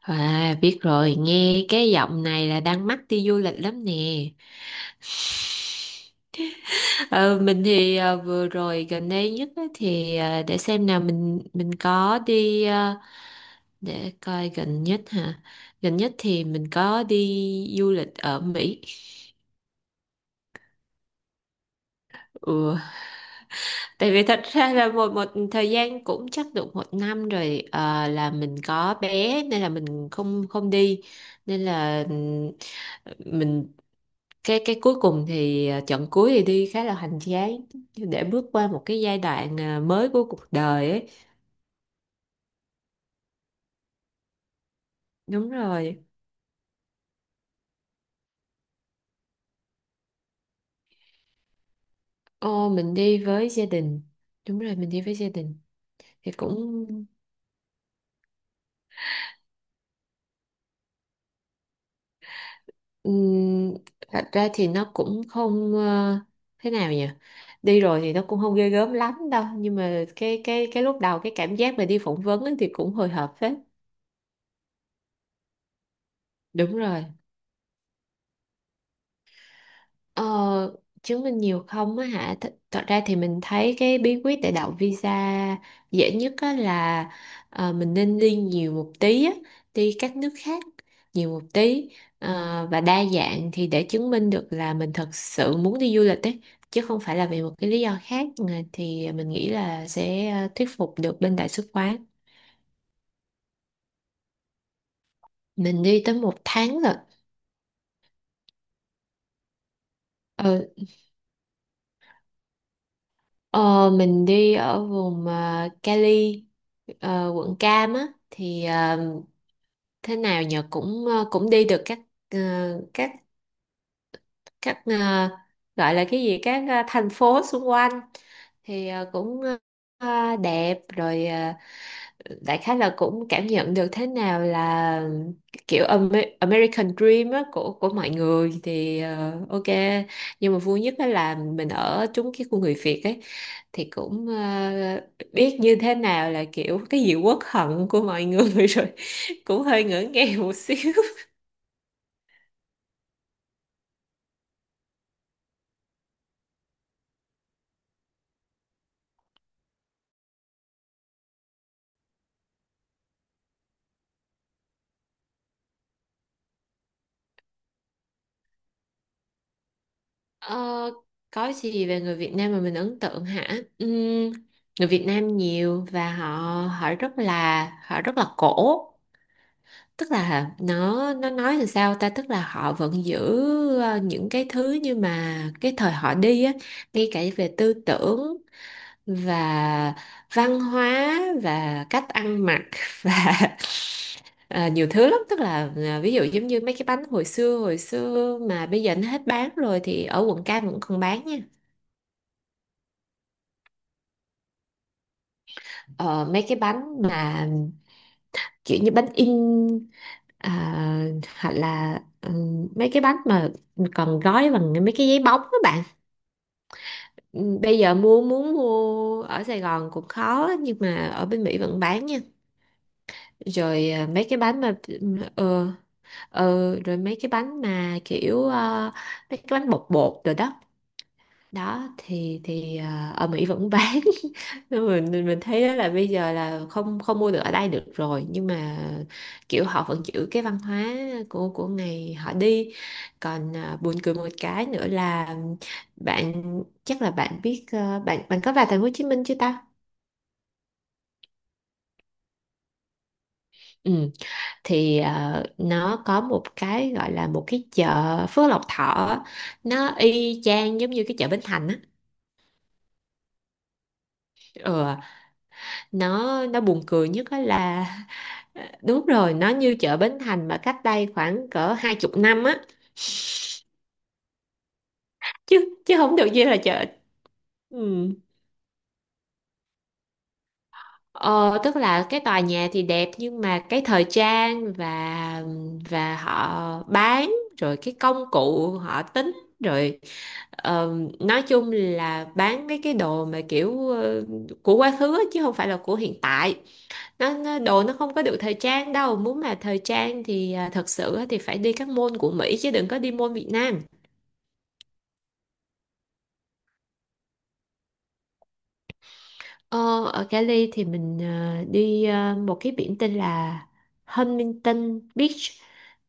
À, biết rồi, nghe cái giọng này là đang mắc đi du lịch lắm nè. Ờ, mình thì vừa rồi gần đây nhất á thì để xem nào mình có đi để coi gần nhất hả? Gần nhất thì mình có đi du lịch ở Mỹ. Ừ. Tại vì thật ra là một một thời gian cũng chắc được một năm rồi, là mình có bé nên là mình không không đi, nên là mình cái cuối cùng thì trận cuối thì đi khá là hoành tráng để bước qua một cái giai đoạn mới của cuộc đời ấy. Đúng rồi. Ô, mình đi với gia đình. Đúng rồi, mình đi với gia đình. Thì cũng. Ừm, thật ra thì nó cũng không, thế nào nhỉ? Đi rồi thì nó cũng không ghê gớm lắm đâu, nhưng mà cái lúc đầu cái cảm giác mà đi phỏng vấn ấy thì cũng hồi hộp phết. Đúng rồi. Ờ, chứng minh nhiều không á hả? Thật ra thì mình thấy cái bí quyết để đậu visa dễ nhất á là mình nên đi nhiều một tí á, đi các nước khác nhiều một tí, và đa dạng thì để chứng minh được là mình thật sự muốn đi du lịch ấy, chứ không phải là vì một cái lý do khác. Ờ, thì mình nghĩ là sẽ thuyết phục được bên đại sứ quán. Mình đi tới một tháng rồi. Ừ. Ờ, mình đi ở vùng Cali, quận Cam á thì thế nào nhờ, cũng cũng đi được các, ờ, các các, gọi là cái gì, các thành phố xung quanh, thì cũng đẹp rồi. Ờ, Đại khái là cũng cảm nhận được thế nào là kiểu American Dream á, của mọi người, thì ok. Nhưng mà vui nhất đó là mình ở trúng cái khu người Việt ấy, thì cũng biết như thế nào là kiểu cái gì uất hận của mọi người rồi cũng hơi ngỡ ngàng một xíu. Ờ, có gì về người Việt Nam mà mình ấn tượng hả? Người Việt Nam nhiều và họ họ rất là cổ. Tức là nó nói làm sao ta, tức là họ vẫn giữ những cái thứ như mà cái thời họ đi á, ngay cả về tư tưởng và văn hóa và cách ăn mặc và ờ, nhiều thứ lắm, tức là ví dụ giống như mấy cái bánh hồi xưa mà bây giờ nó hết bán rồi thì ở quận Cam vẫn còn bán nha. Ờ, mấy cái bánh mà kiểu như bánh in, à, hoặc là mấy cái bánh mà còn gói bằng mấy cái giấy bóng các bạn. Bây giờ muốn mua ở Sài Gòn cũng khó, nhưng mà ở bên Mỹ vẫn bán nha. Rồi, à, mấy cái bánh mà ờ rồi mấy cái bánh mà kiểu mấy cái bánh bột bột rồi đó. Đó thì à, ở Mỹ vẫn bán, nên mình thấy đó là bây giờ là không không mua được ở đây được rồi, nhưng mà kiểu họ vẫn giữ cái văn hóa của ngày họ đi. Còn à, buồn cười một cái nữa là, bạn, chắc là bạn biết, à, bạn bạn có vào thành phố Hồ Chí Minh chưa ta? Ừ. Thì nó có một cái gọi là một cái chợ Phước Lộc Thọ, nó y chang giống như cái chợ Bến Thành á. Ừ, nó buồn cười nhất á là, đúng rồi, nó như chợ Bến Thành mà cách đây khoảng cỡ 20 năm á. Chứ chứ không được như là chợ. Ừ. ờ, Tức là cái tòa nhà thì đẹp, nhưng mà cái thời trang và họ bán, rồi cái công cụ họ tính, rồi ờ, nói chung là bán mấy cái đồ mà kiểu của quá khứ á, chứ không phải là của hiện tại. Nó đồ nó không có được thời trang đâu, muốn mà thời trang thì à, thật sự á thì phải đi các môn của Mỹ chứ đừng có đi môn Việt Nam. Ờ, ở Cali thì mình, à, đi, à, một cái biển tên là Huntington Beach,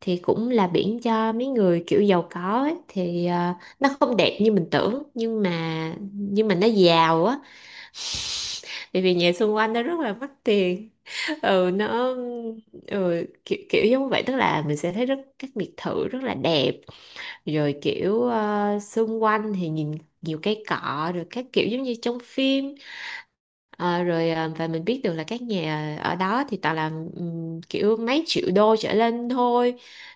thì cũng là biển cho mấy người kiểu giàu có ấy. Thì à, nó không đẹp như mình tưởng, nhưng mà nó giàu á, bởi vì nhà xung quanh nó rất là mắc tiền. Ừ, nó, ừ, kiểu, kiểu giống vậy, tức là mình sẽ thấy rất các biệt thự rất là đẹp, rồi kiểu xung quanh thì nhìn nhiều cây cọ, rồi các kiểu giống như trong phim. Ờ, rồi và mình biết được là các nhà ở đó thì toàn là kiểu mấy triệu đô trở lên thôi.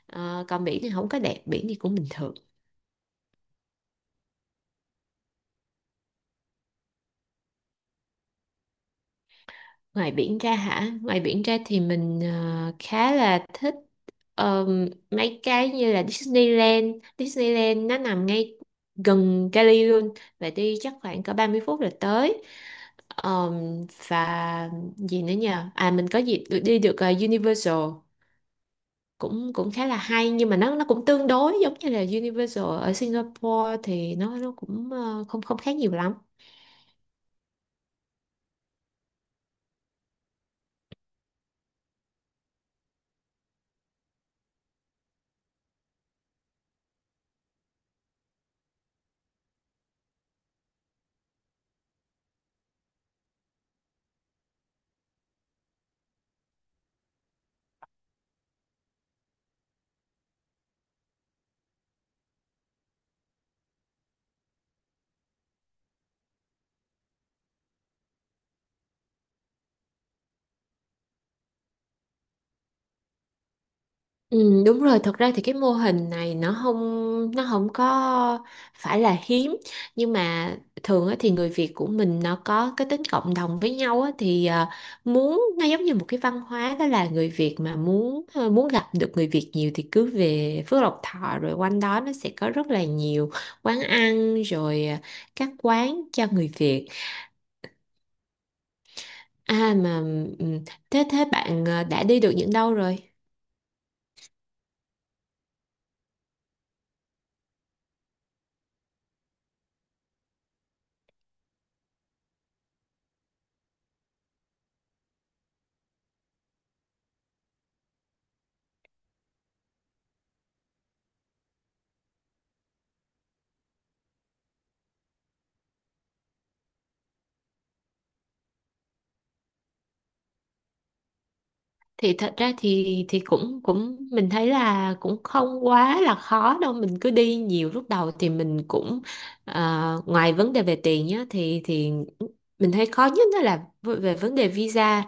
Còn biển thì không có đẹp, biển thì cũng bình thường. Ngoài biển ra hả? Ngoài biển ra thì mình khá là thích mấy cái như là Disneyland. Disneyland nó nằm ngay gần Cali luôn, và đi chắc khoảng cỡ 30 phút là tới. Và gì nữa nhờ? À, mình có dịp được đi được, Universal, cũng cũng khá là hay, nhưng mà nó cũng tương đối giống như là Universal ở Singapore, thì nó cũng không không khác nhiều lắm. Ừ, đúng rồi, thật ra thì cái mô hình này nó không có phải là hiếm, nhưng mà thường á, thì người Việt của mình nó có cái tính cộng đồng với nhau á, thì à, muốn nó giống như một cái văn hóa, đó là người Việt mà muốn, à, muốn gặp được người Việt nhiều thì cứ về Phước Lộc Thọ, rồi quanh đó nó sẽ có rất là nhiều quán ăn, rồi à, các quán cho người Việt. À mà, ừ, thế thế bạn, à, đã đi được những đâu rồi? Thì thật ra thì cũng cũng mình thấy là cũng không quá là khó đâu, mình cứ đi nhiều. Lúc đầu thì mình cũng ờ, ngoài vấn đề về tiền nhá, thì mình thấy khó nhất đó là, về vấn đề visa,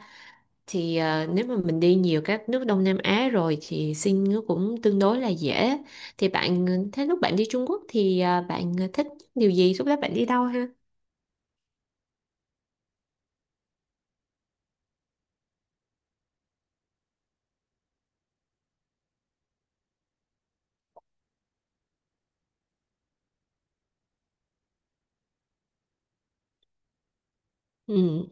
thì nếu mà mình đi nhiều các nước Đông Nam Á rồi thì xin nó cũng tương đối là dễ. Thì bạn, thế lúc bạn đi Trung Quốc thì bạn thích điều gì, lúc đó bạn đi đâu ha? Ừ.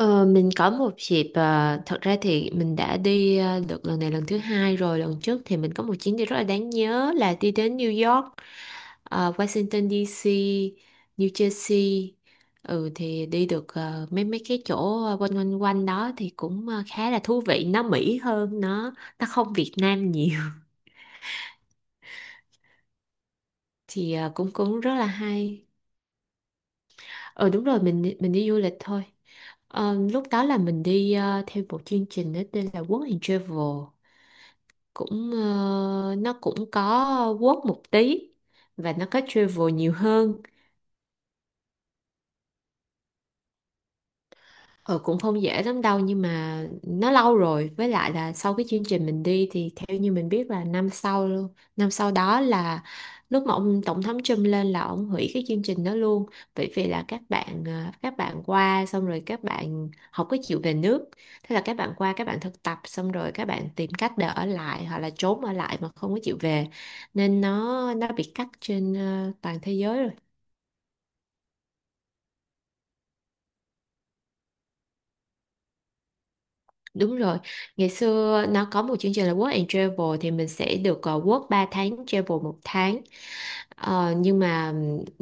Ờ, mình có một dịp, thật ra thì mình đã đi được lần này lần thứ hai rồi, lần trước thì mình có một chuyến đi rất là đáng nhớ là đi đến New York, Washington DC, New Jersey. Ừ, thì đi được mấy mấy cái chỗ quanh quanh quanh đó, thì cũng khá là thú vị, nó Mỹ hơn, nó không Việt Nam nhiều. Thì cũng cũng rất là hay. Ờ Đúng rồi, mình mình đi du lịch thôi. Lúc đó là mình đi theo một chương trình đó tên là Work and Travel. Cũng nó cũng có work một tí, và nó có travel nhiều hơn. Ừ, cũng không dễ lắm đâu, nhưng mà nó lâu rồi, với lại là sau cái chương trình mình đi thì theo như mình biết là năm sau luôn, năm sau đó là lúc mà ông tổng thống Trump lên là ông hủy cái chương trình đó luôn. Bởi vì là các bạn, à, các bạn qua xong rồi các bạn không có chịu về nước. Thế là các bạn qua, các bạn thực tập xong rồi các bạn tìm cách để ở lại, hoặc là trốn ở lại mà không có chịu về, nên nó bị cắt trên, à, toàn thế giới rồi. Đúng rồi, ngày xưa nó có một chương trình là Work and Travel, thì mình sẽ được work 3 tháng, travel một tháng. Nhưng mà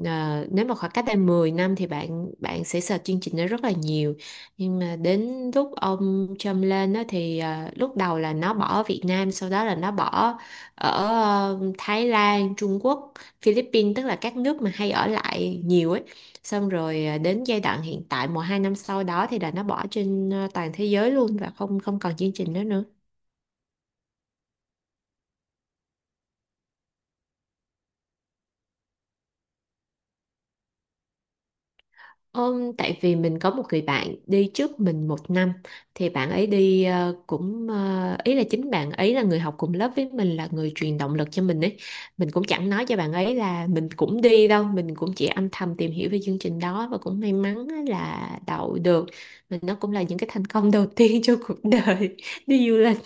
nếu mà khoảng cách đây 10 năm thì bạn bạn sẽ sợ chương trình đó rất là nhiều. Nhưng mà đến lúc ông Trump lên đó thì lúc đầu là nó bỏ Việt Nam, sau đó là nó bỏ ở, Thái Lan, Trung Quốc, Philippines, tức là các nước mà hay ở lại nhiều ấy. Xong rồi đến giai đoạn hiện tại một hai năm sau đó thì là nó bỏ trên, ờ, toàn thế giới luôn, và không không còn chương trình đó nữa. Tại vì mình có một người bạn đi trước mình một năm, thì bạn ấy đi cũng ý là chính bạn ấy là người học cùng lớp với mình, là người truyền động lực cho mình ấy. Mình cũng chẳng nói cho bạn ấy là mình cũng đi đâu, mình cũng chỉ âm thầm tìm hiểu về chương trình đó và cũng may mắn á là đậu được. Mình, nó cũng là những cái thành công đầu tiên trong cuộc đời đi du lịch.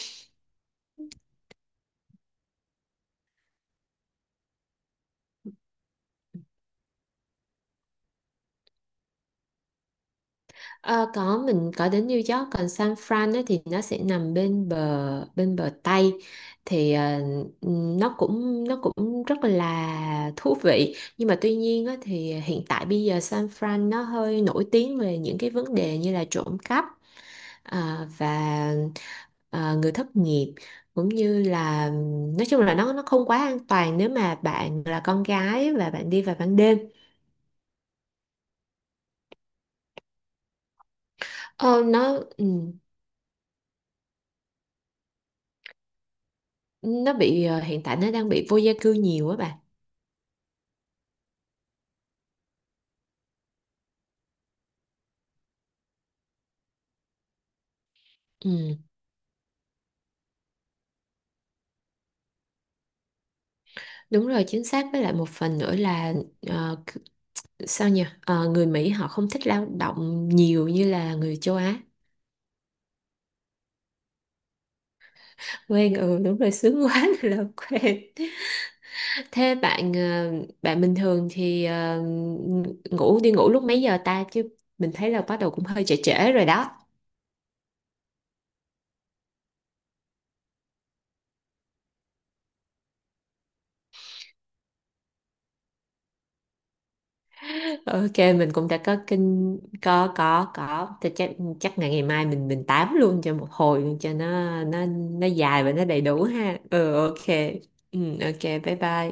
Ờ, có, mình có đến New York, còn San Fran ấy, thì nó sẽ nằm bên bờ Tây. Thì nó cũng rất là thú vị, nhưng mà tuy nhiên á, thì hiện tại bây giờ San Fran nó hơi nổi tiếng về những cái vấn đề như là trộm cắp, và ờ, người thất nghiệp, cũng như là, nói chung là nó không quá an toàn nếu mà bạn là con gái và bạn đi vào ban đêm. Ờ, nó, ừ. Nó bị, hiện tại nó đang bị vô gia cư nhiều á bà. Ừ, đúng rồi, chính xác, với lại một phần nữa là ờ, c- sao nhỉ? Ờ, người Mỹ họ không thích lao động nhiều như là người châu Á. Quen, ừ, đúng rồi, sướng quá là quen. Thế bạn, bạn bình thường thì ngủ lúc mấy giờ ta chứ? Mình thấy là bắt đầu cũng hơi trễ trễ rồi đó. Ok, mình cũng đã có thì chắc chắc ngày ngày mai mình tám luôn cho một hồi luôn cho nó. nó nó dài và nó đầy đủ ha. Ừ, ok. Ừ, ok, bye bye.